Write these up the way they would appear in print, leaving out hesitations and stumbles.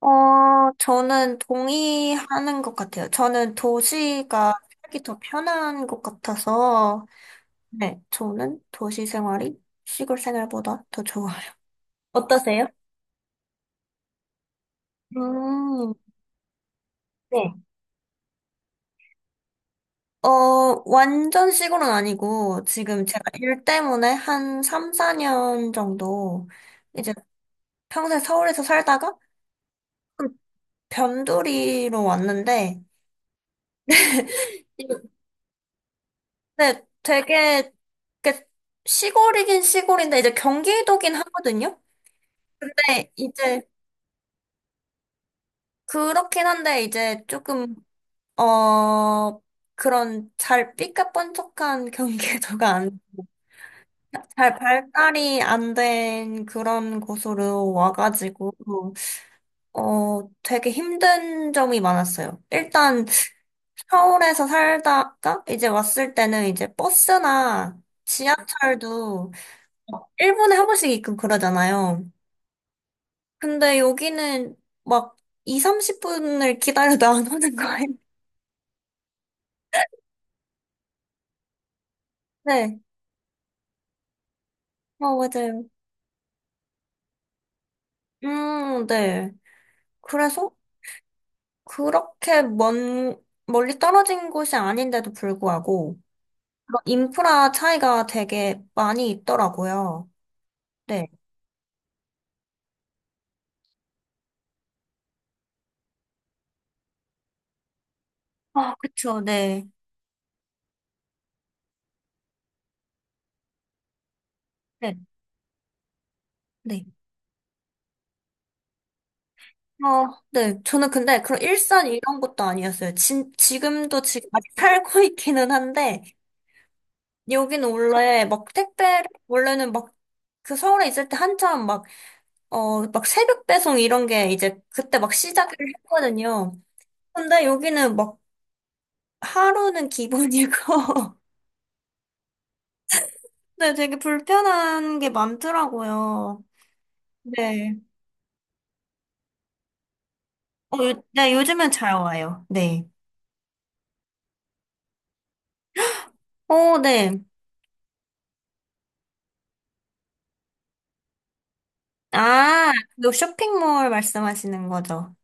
저는 동의하는 것 같아요. 저는 도시가 살기 더 편한 것 같아서, 네, 저는 도시 생활이 시골 생활보다 더 좋아요. 어떠세요? 음, 네. 완전 시골은 아니고, 지금 제가 일 때문에 한 3, 4년 정도, 이제 평생 서울에서 살다가, 그 변두리로 왔는데, 네, 되게 이렇게 시골이긴 시골인데 이제 경기도긴 하거든요. 근데 이제 그렇긴 한데 이제 조금 어 그런 잘 삐까뻔쩍한 경기도가 안, 잘 발달이 안 된 그런 곳으로 와가지고 되게 힘든 점이 많았어요. 일단 서울에서 살다가 이제 왔을 때는 이제 버스나 지하철도 일 분에 한 번씩 있고 그러잖아요. 근데 여기는 막 2, 30분을 기다려도 안 오는 거예요. 네. 맞아요. 네. 그래서 그렇게 먼, 멀리 떨어진 곳이 아닌데도 불구하고 그런 인프라 차이가 되게 많이 있더라고요. 네. 아, 그쵸. 네. 네. 네. 어, 네. 저는 근데 그런 일산 이런 것도 아니었어요. 지금도 지금 아직 살고 있기는 한데 여긴 원래 막 택배를, 원래는 막 그 서울에 있을 때 한참 막, 막 새벽 배송 이런 게 이제 그때 막 시작을 했거든요. 근데 여기는 막 하루는 기본이고, 네, 되게 불편한 게 많더라고요. 네. 네, 요즘은 잘 와요. 네. 어, 네. 아, 그 쇼핑몰 말씀하시는 거죠.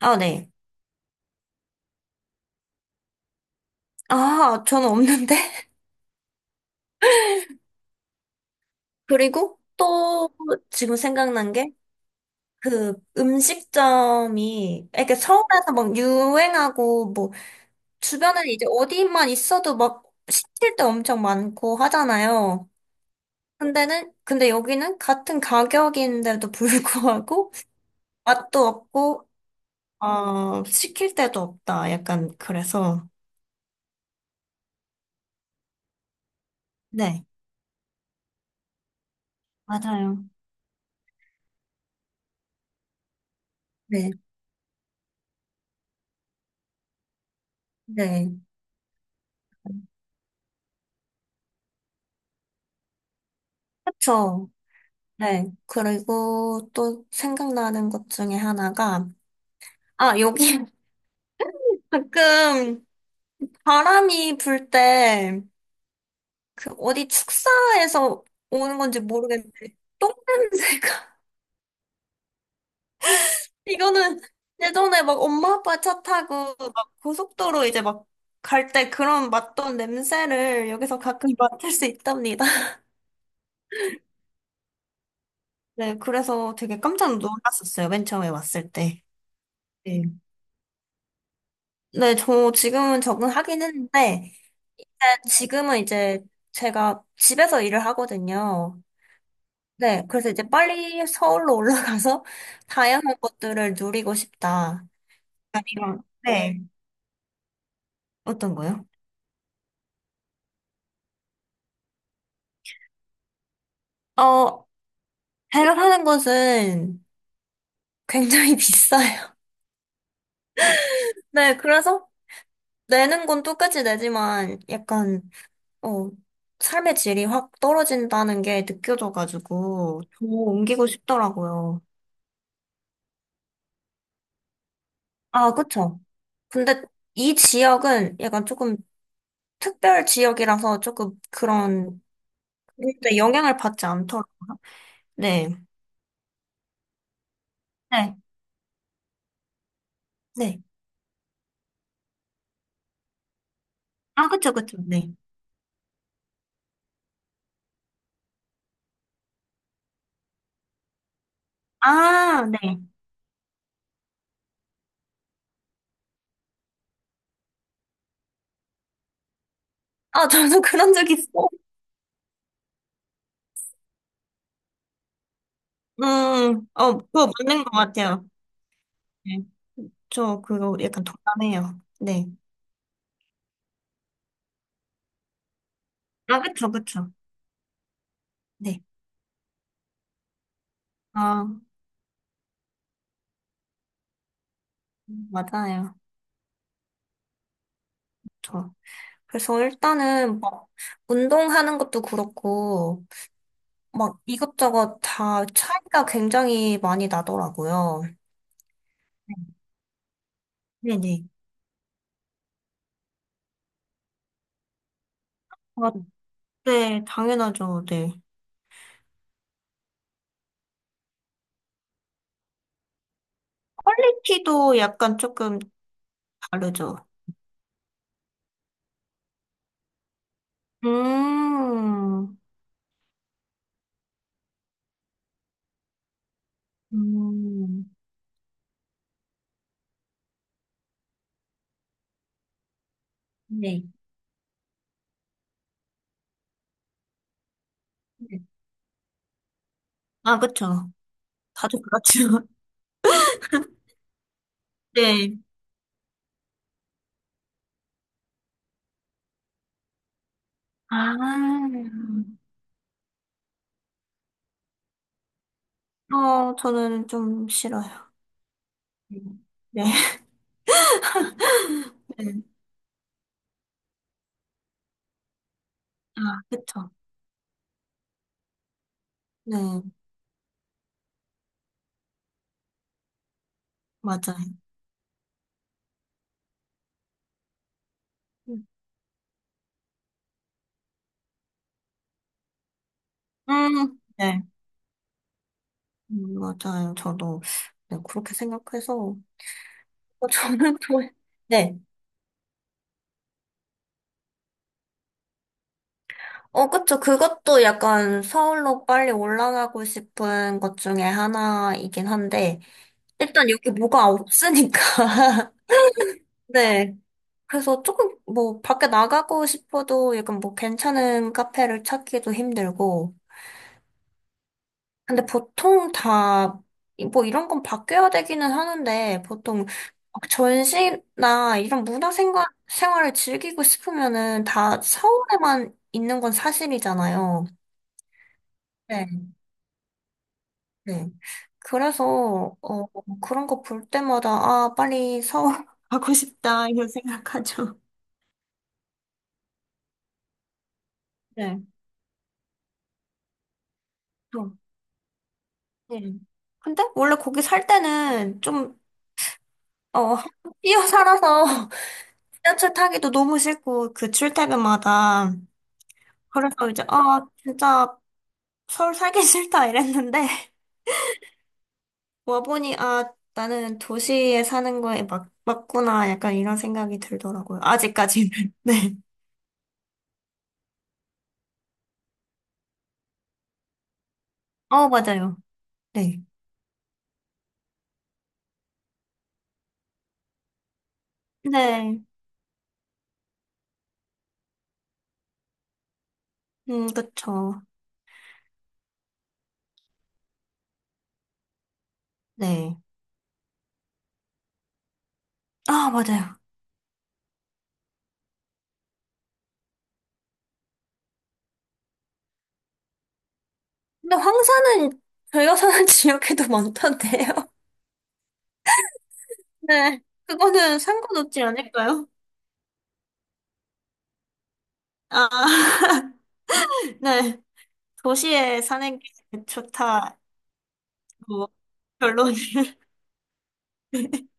아, 네. 아, 저는 없는데? 그리고 또 지금 생각난 게, 그 음식점이 이렇게 서울에서 막 유행하고 뭐 주변에 이제 어디만 있어도 막 시킬 때 엄청 많고 하잖아요. 근데는 근데 여기는 같은 가격인데도 불구하고 맛도 없고 시킬 때도 없다. 약간 그래서 네. 맞아요. 네. 네. 그죠 네. 그리고 또 생각나는 것 중에 하나가 아, 여기 가끔 바람이 불 때 그 어디 축사에서 오는 건지 모르겠는데 똥냄새가 이거는 예전에 막 엄마 아빠 차 타고 막 고속도로 이제 막 갈 때 그런 맡던 냄새를 여기서 가끔 맡을 수 있답니다. 네, 그래서 되게 깜짝 놀랐었어요. 맨 처음에 왔을 때. 네. 네, 저 지금은 적응하긴 했는데 네, 지금은 이제 제가 집에서 일을 하거든요. 네, 그래서 이제 빨리 서울로 올라가서 다양한 것들을 누리고 싶다. 아니면, 네. 어떤 거요? 어, 제가 사는 곳은 굉장히 비싸요. 네, 그래서 내는 건 똑같이 내지만 약간, 어, 삶의 질이 확 떨어진다는 게 느껴져가지고 더 옮기고 싶더라고요. 아, 그쵸. 근데 이 지역은 약간 조금 특별 지역이라서 조금 그런, 근데 영향을 받지 않더라고요. 네. 네. 네. 아, 그쵸, 그쵸. 네. 아, 네. 아, 저도 그런 적 있어. 그거 맞는 것 같아요. 네. 저 그거 약간 동감해요. 네. 아, 그쵸, 그쵸. 네. 아, 맞아요. 저. 그래서 일단은 막 운동하는 것도 그렇고 막 이것저것 다 차이가 굉장히 많이 나더라고요. 네네. 아, 네, 당연하죠. 네. 퀄리티도 약간 조금 다르죠. 음, 음, 네. 네. 아, 그쵸. 다들 그렇죠. 네. 아, 저는 좀 싫어요. 네. 네. 네. 아, 그쵸. 네, 맞아요. 음, 네. 맞아요. 저도, 네, 그렇게 생각해서. 저는 또, 네. 어, 그쵸. 그것도 약간 서울로 빨리 올라가고 싶은 것 중에 하나이긴 한데, 일단 여기 뭐가 없으니까. 네. 그래서 조금 뭐 밖에 나가고 싶어도 약간 뭐 괜찮은 카페를 찾기도 힘들고. 근데 보통 다 뭐 이런 건 바뀌어야 되기는 하는데 보통 막 전시나 이런 문화 생활을 즐기고 싶으면은 다 서울에만 있는 건 사실이잖아요. 네. 네. 그래서 그런 거 볼 때마다 아 빨리 서울 가고 싶다 이런 생각하죠. 네. 네. 근데 원래 거기 살 때는 좀, 어, 뛰어 살아서 지하철 타기도 너무 싫고, 그 출퇴근마다. 그래서 이제, 아, 진짜 서울 살기 싫다 이랬는데, 와보니, 아, 나는 도시에 사는 거에 막, 맞구나. 약간 이런 생각이 들더라고요. 아직까지는. 네. 맞아요. 네. 네. 그쵸. 네. 아, 맞아요. 근데 황사는 저희가 사는 지역에도 많던데요. 네, 그거는 상관없지 않을까요? 아, 네, 도시에 사는 게 좋다. 뭐, 결론을.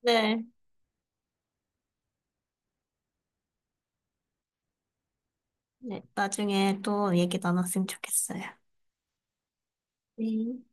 네, 네, 나중에 또 얘기 나눴으면 좋겠어요. 네.